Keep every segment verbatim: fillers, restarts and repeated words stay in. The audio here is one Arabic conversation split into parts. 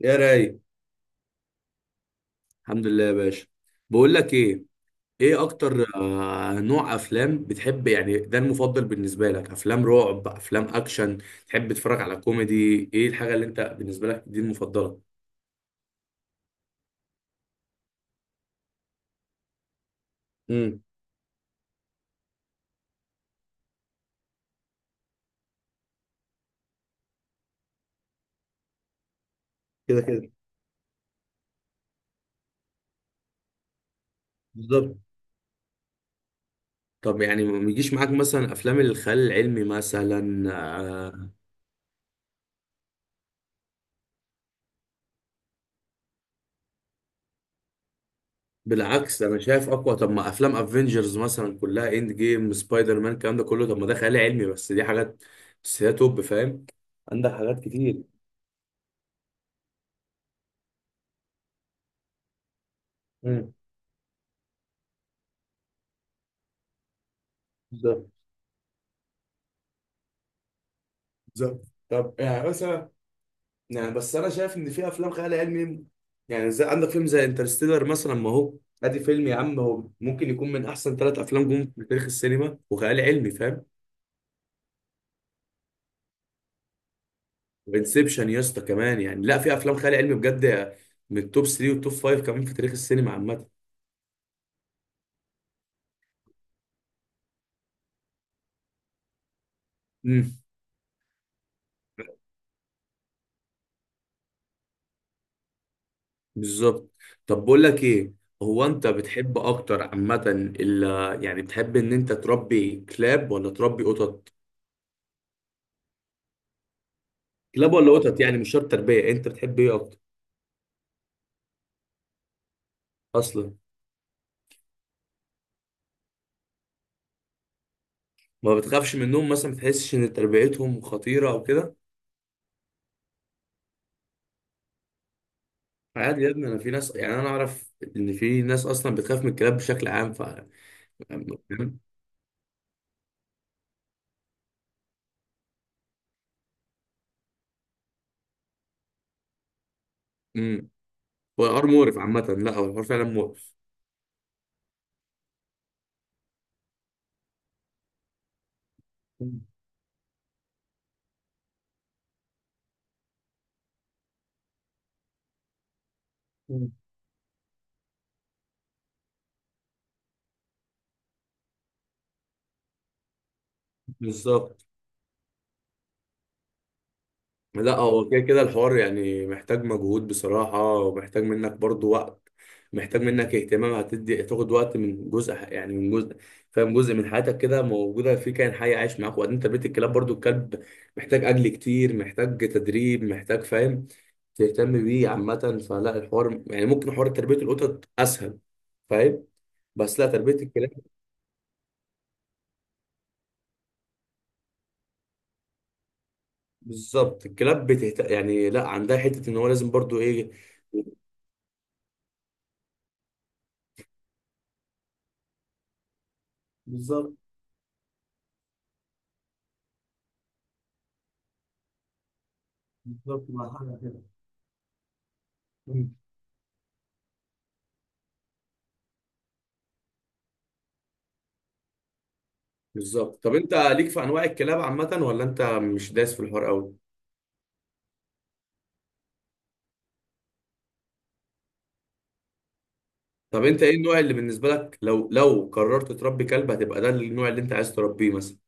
يا راي. الحمد لله يا باشا. بقول لك ايه، ايه اكتر آه، نوع افلام بتحب؟ يعني ده المفضل بالنسبه لك، افلام رعب، افلام اكشن؟ تحب تتفرج على كوميدي؟ ايه الحاجه اللي انت بالنسبه لك دي المفضله؟ امم كده كده. بالظبط. طب يعني ما يجيش معاك مثلا افلام الخيال العلمي مثلا؟ آه، بالعكس، انا شايف اقوى. طب ما افلام افنجرز مثلا كلها، اند جيم، سبايدر مان، الكلام ده كله، طب ما ده خيال علمي، بس دي حاجات، بس هي توب، فاهم. عندك حاجات كتير. امم بالظبط. بالظبط. طب يعني مثلا، يعني بس انا شايف ان في افلام خيال علمي، يعني زي عندك فيلم زي انترستيلر مثلا، ما هو ادي فيلم يا عم، هو ممكن يكون من احسن ثلاث افلام جم في تاريخ السينما، وخيال علمي، فاهم. وانسبشن يا اسطى كمان، يعني لا في افلام خيال علمي بجد، من التوب تلاتة والتوب خمسة كمان في تاريخ السينما عامه. امم بالظبط. طب بقول لك ايه، هو انت بتحب اكتر عامه، ال- يعني بتحب ان انت تربي كلاب ولا تربي قطط؟ كلاب ولا قطط؟ يعني مش شرط تربيه، انت بتحب ايه اكتر؟ اصلا ما بتخافش منهم مثلا؟ ما بتحسش ان تربيتهم خطيره او كده؟ عادي يا ابني، انا في ناس، يعني انا اعرف ان في ناس اصلا بتخاف من الكلاب بشكل عام، ف امم هو الحوار مقرف عامه. لا هو الحوار فعلا مقرف. مم. بالظبط. لا هو كده كده الحوار يعني محتاج مجهود بصراحة، ومحتاج منك برضو وقت، محتاج منك اهتمام، هتدي، هتاخد وقت من جزء ح- يعني من جزء، فاهم، جزء من حياتك كده موجودة في كائن حي عايش معاك. وبعدين تربية الكلاب برضو، الكلب محتاج أكل كتير، محتاج تدريب، محتاج، فاهم، تهتم بيه عامة. فلا، الحوار يعني ممكن، حوار تربية القطط أسهل، فاهم. بس لا تربية الكلاب، بالظبط. الكلاب بتهت... يعني لا عندها حتة إن هو لازم برضو إيه. بالظبط. بالظبط مع حاجة كده. بالظبط. طب انت ليك في انواع الكلاب عامه ولا انت مش دايس في الحوار قوي؟ طب انت ايه النوع اللي بالنسبه لك، لو لو قررت تربي كلب هتبقى ده النوع اللي انت عايز تربيه مثلا؟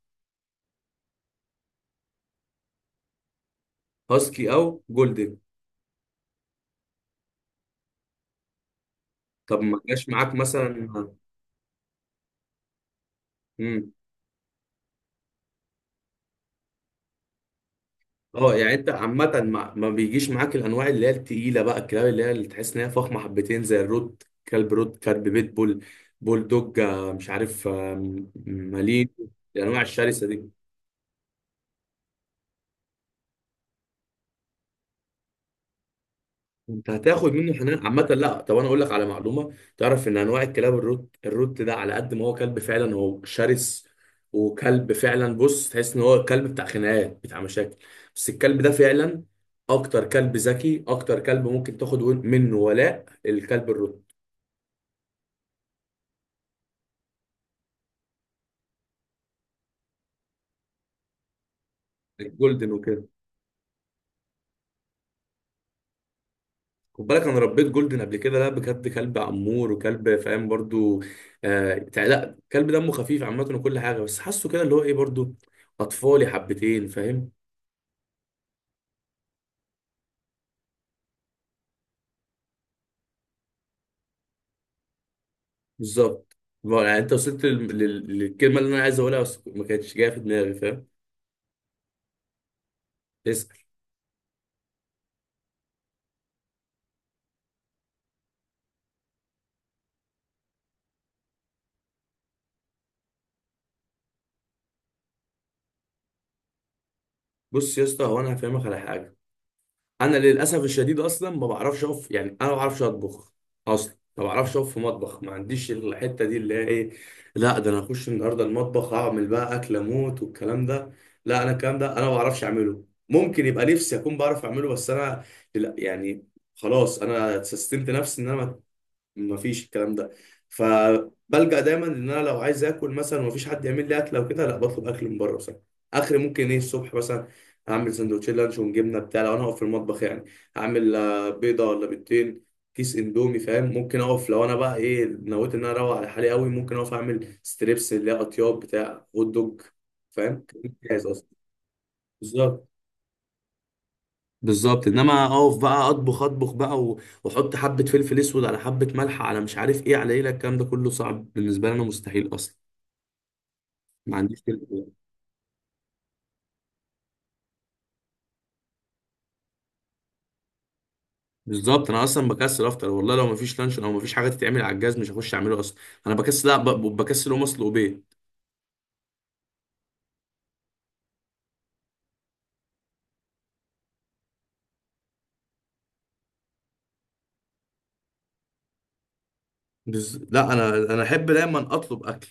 هاسكي او جولدن. طب ما جاش معاك مثلا؟ امم اه يعني انت عامه ما... ما بيجيش معاك الانواع اللي هي التقيله بقى، الكلاب اللي هي اللي تحس ان هي فخمه حبتين، زي الروت كلب، روت كلب، بيت بول، بول دوج، آه، مش عارف، آه، م- مالين، الانواع الشرسه دي؟ انت هتاخد منه حنان عامة. لا طب انا اقول لك على معلومة، تعرف ان انواع الكلاب الروت، الروت ده على قد ما هو كلب فعلا، هو شرس وكلب فعلا، بص، تحس ان هو كلب بتاع خناقات بتاع مشاكل، بس الكلب ده فعلا اكتر كلب ذكي، اكتر كلب ممكن تاخد ون- منه ولاء، الكلب الروت. الجولدن وكده، خد بالك انا ربيت جولدن قبل كده، لا بجد كلب امور وكلب فاهم برضو، آه تع- لا كلب دمه خفيف عامة وكل حاجة، بس حاسه كده اللي هو ايه برضو اطفالي حبتين، فاهم. بالظبط. ما هو يعني انت وصلت لل... لل... للكلمه اللي انا عايز اقولها بس ما كانتش جايه في دماغي، فاهم. اسال. بص يا اسطى، هو انا هفهمك على حاجه، انا للاسف الشديد اصلا ما بعرفش اقف، يعني انا ما بعرفش اطبخ، اصلا ما بعرفش اقف في مطبخ، ما عنديش الحته دي اللي هي ايه. لا ده انا هخش النهارده المطبخ اعمل بقى اكل اموت والكلام ده، لا انا الكلام ده انا ما بعرفش اعمله. ممكن يبقى نفسي اكون بعرف اعمله، بس انا لا يعني، خلاص انا سستمت نفسي ان انا مفيش الكلام ده. فبلجأ دايما ان انا لو عايز اكل مثلا ومفيش حد يعمل لي اكل او كده، لا بطلب اكل من بره مثلا. اخر ممكن ايه، الصبح مثلا اعمل سندوتشين لانشون جبنه بتاع، لو انا هقف في المطبخ يعني اعمل آه، بيضه ولا بيضتين، كيس اندومي، فاهم. ممكن اقف لو انا بقى ايه نويت ان انا اروق على حالي قوي، ممكن اقف اعمل ستريبس اللي هي اطياب بتاع هوت دوج، فاهم، جاهز اصلا. بالظبط. بالظبط انما اقف بقى اطبخ، اطبخ بقى و- واحط حبه فلفل اسود على حبه ملح على مش عارف ايه على ايه، لا الكلام ده كله صعب بالنسبه لي انا، مستحيل اصلا. ما عنديش تل- بالظبط انا اصلا بكسل افطر والله، لو ما فيش لانشون او ما فيش حاجه تتعمل على الجهاز مش هخش اعمله اصلا. انا بكسل، لا ب- بكسل اقوم اصل وبيت. بز... لا انا انا احب دايما اطلب اكل،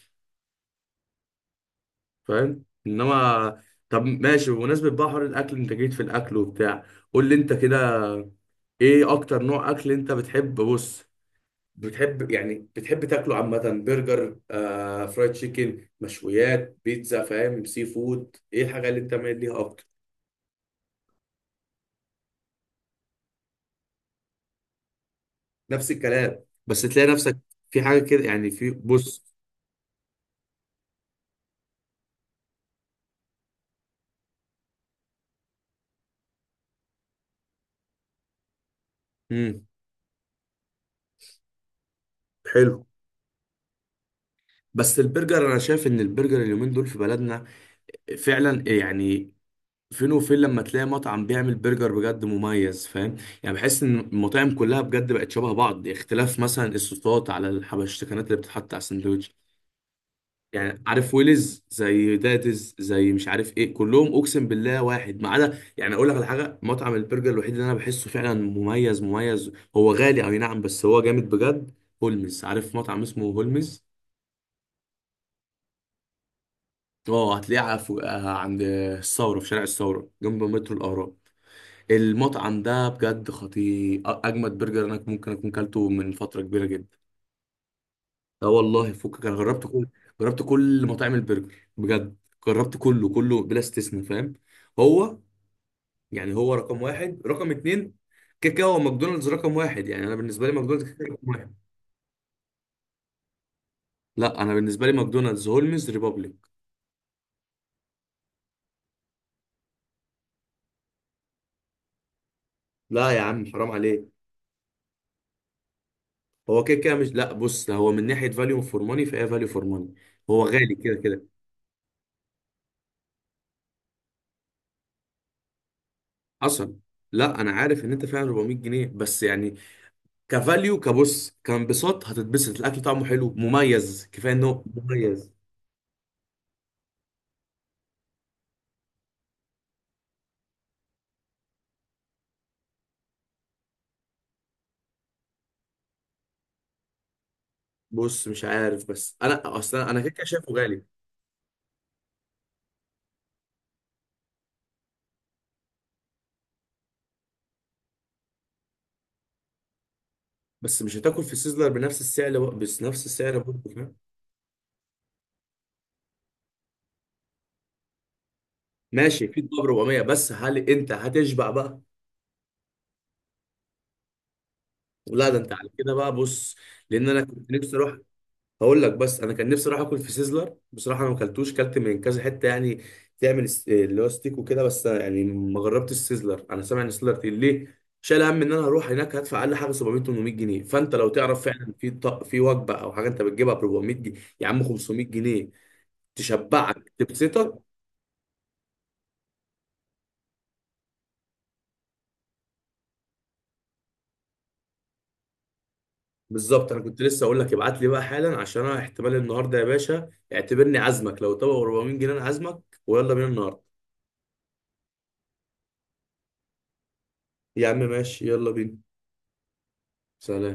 فاهم انما. طب ماشي، بمناسبه بقى حوار الاكل انت جيت في الاكل وبتاع، قول لي انت كده، ايه اكتر نوع اكل انت بتحب، بص، بتحب، يعني بتحب تاكله عامة؟ برجر، آه، فرايد تشيكن، مشويات، بيتزا، فاهم، سي فود، ايه الحاجة اللي انت مايل ليها اكتر؟ نفس الكلام، بس تلاقي نفسك في حاجة كده يعني، في، بص. امم حلو. بس البرجر، انا شايف ان البرجر اليومين دول في بلدنا فعلا يعني، فين وفين لما تلاقي مطعم بيعمل برجر بجد مميز، فاهم. يعني بحس ان المطاعم كلها بجد بقت شبه بعض، اختلاف مثلا الصوصات على الحبشتكنات اللي بتتحط على السندوتش يعني، عارف ويلز زي داتز زي مش عارف ايه، كلهم اقسم بالله واحد ما عدا، يعني اقول لك على حاجه، مطعم البرجر الوحيد اللي انا بحسه فعلا مميز مميز، هو غالي اي نعم بس هو جامد بجد، هولمز، عارف مطعم اسمه هولمز؟ اه هتلاقيه على فوق- آه، عند الثوره، في شارع الثوره جنب مترو الاهرام. المطعم ده بجد خطير، أ- اجمد برجر انا ممكن اكون كلته من فتره كبيره جدا. اه والله فكك، انا جربت كل جربت كل مطاعم البرجر بجد، جربت كله كله بلا استثناء، فاهم. هو يعني هو رقم واحد رقم اتنين كده كده، هو ماكدونالدز رقم واحد، يعني انا بالنسبه لي ماكدونالدز كده كده رقم واحد. لا انا بالنسبه لي، ماكدونالدز، هولمز، ريبابليك. لا يا عم حرام عليك. هو كده كده مش، لا بص، ده هو من ناحيه فاليو فور ماني فهي فاليو فور ماني. هو غالي كده كده. حصل. لا انا عارف ان انت فعلا اربعمية جنيه، بس يعني كفاليو، كبص، كانبساط، هتتبسط الاكل طعمه حلو مميز، كفايه انه مميز. بص مش عارف، بس انا اصلا انا كده كده شايفه غالي. بس مش هتاكل في سيزلر بنفس السعر، بق- بس نفس السعر برضه، فاهم. ماشي، في دباب أربعمائة، بس هل انت هتشبع بقى؟ لا ده انت على كده بقى، بص، لان انا كنت نفسي اروح، هقول لك، بس انا كان نفسي اروح اكل في سيزلر بصراحه، انا ما اكلتوش، كلت من كذا حته يعني، تعمل س- اللي هو ستيك وكده، بس أنا يعني ما جربتش السيزلر، انا سامع ان السيزلر تقيل، ليه شايل هم ان انا هروح هناك هدفع اقل حاجه سبعمائة ثمانمائة جنيه؟ فانت لو تعرف فعلا في طق، في وجبه او حاجه انت بتجيبها ب أربعمائة جنيه يا عم، خمسمائة جنيه، تشبعك تبسطك. بالظبط انا كنت لسه اقول لك ابعت لي بقى حالا، عشان انا احتمال النهارده يا باشا اعتبرني عزمك، لو طبق اربعمية جنيه انا عزمك، ويلا بينا النهارده. يا عم ماشي، يلا بينا. سلام.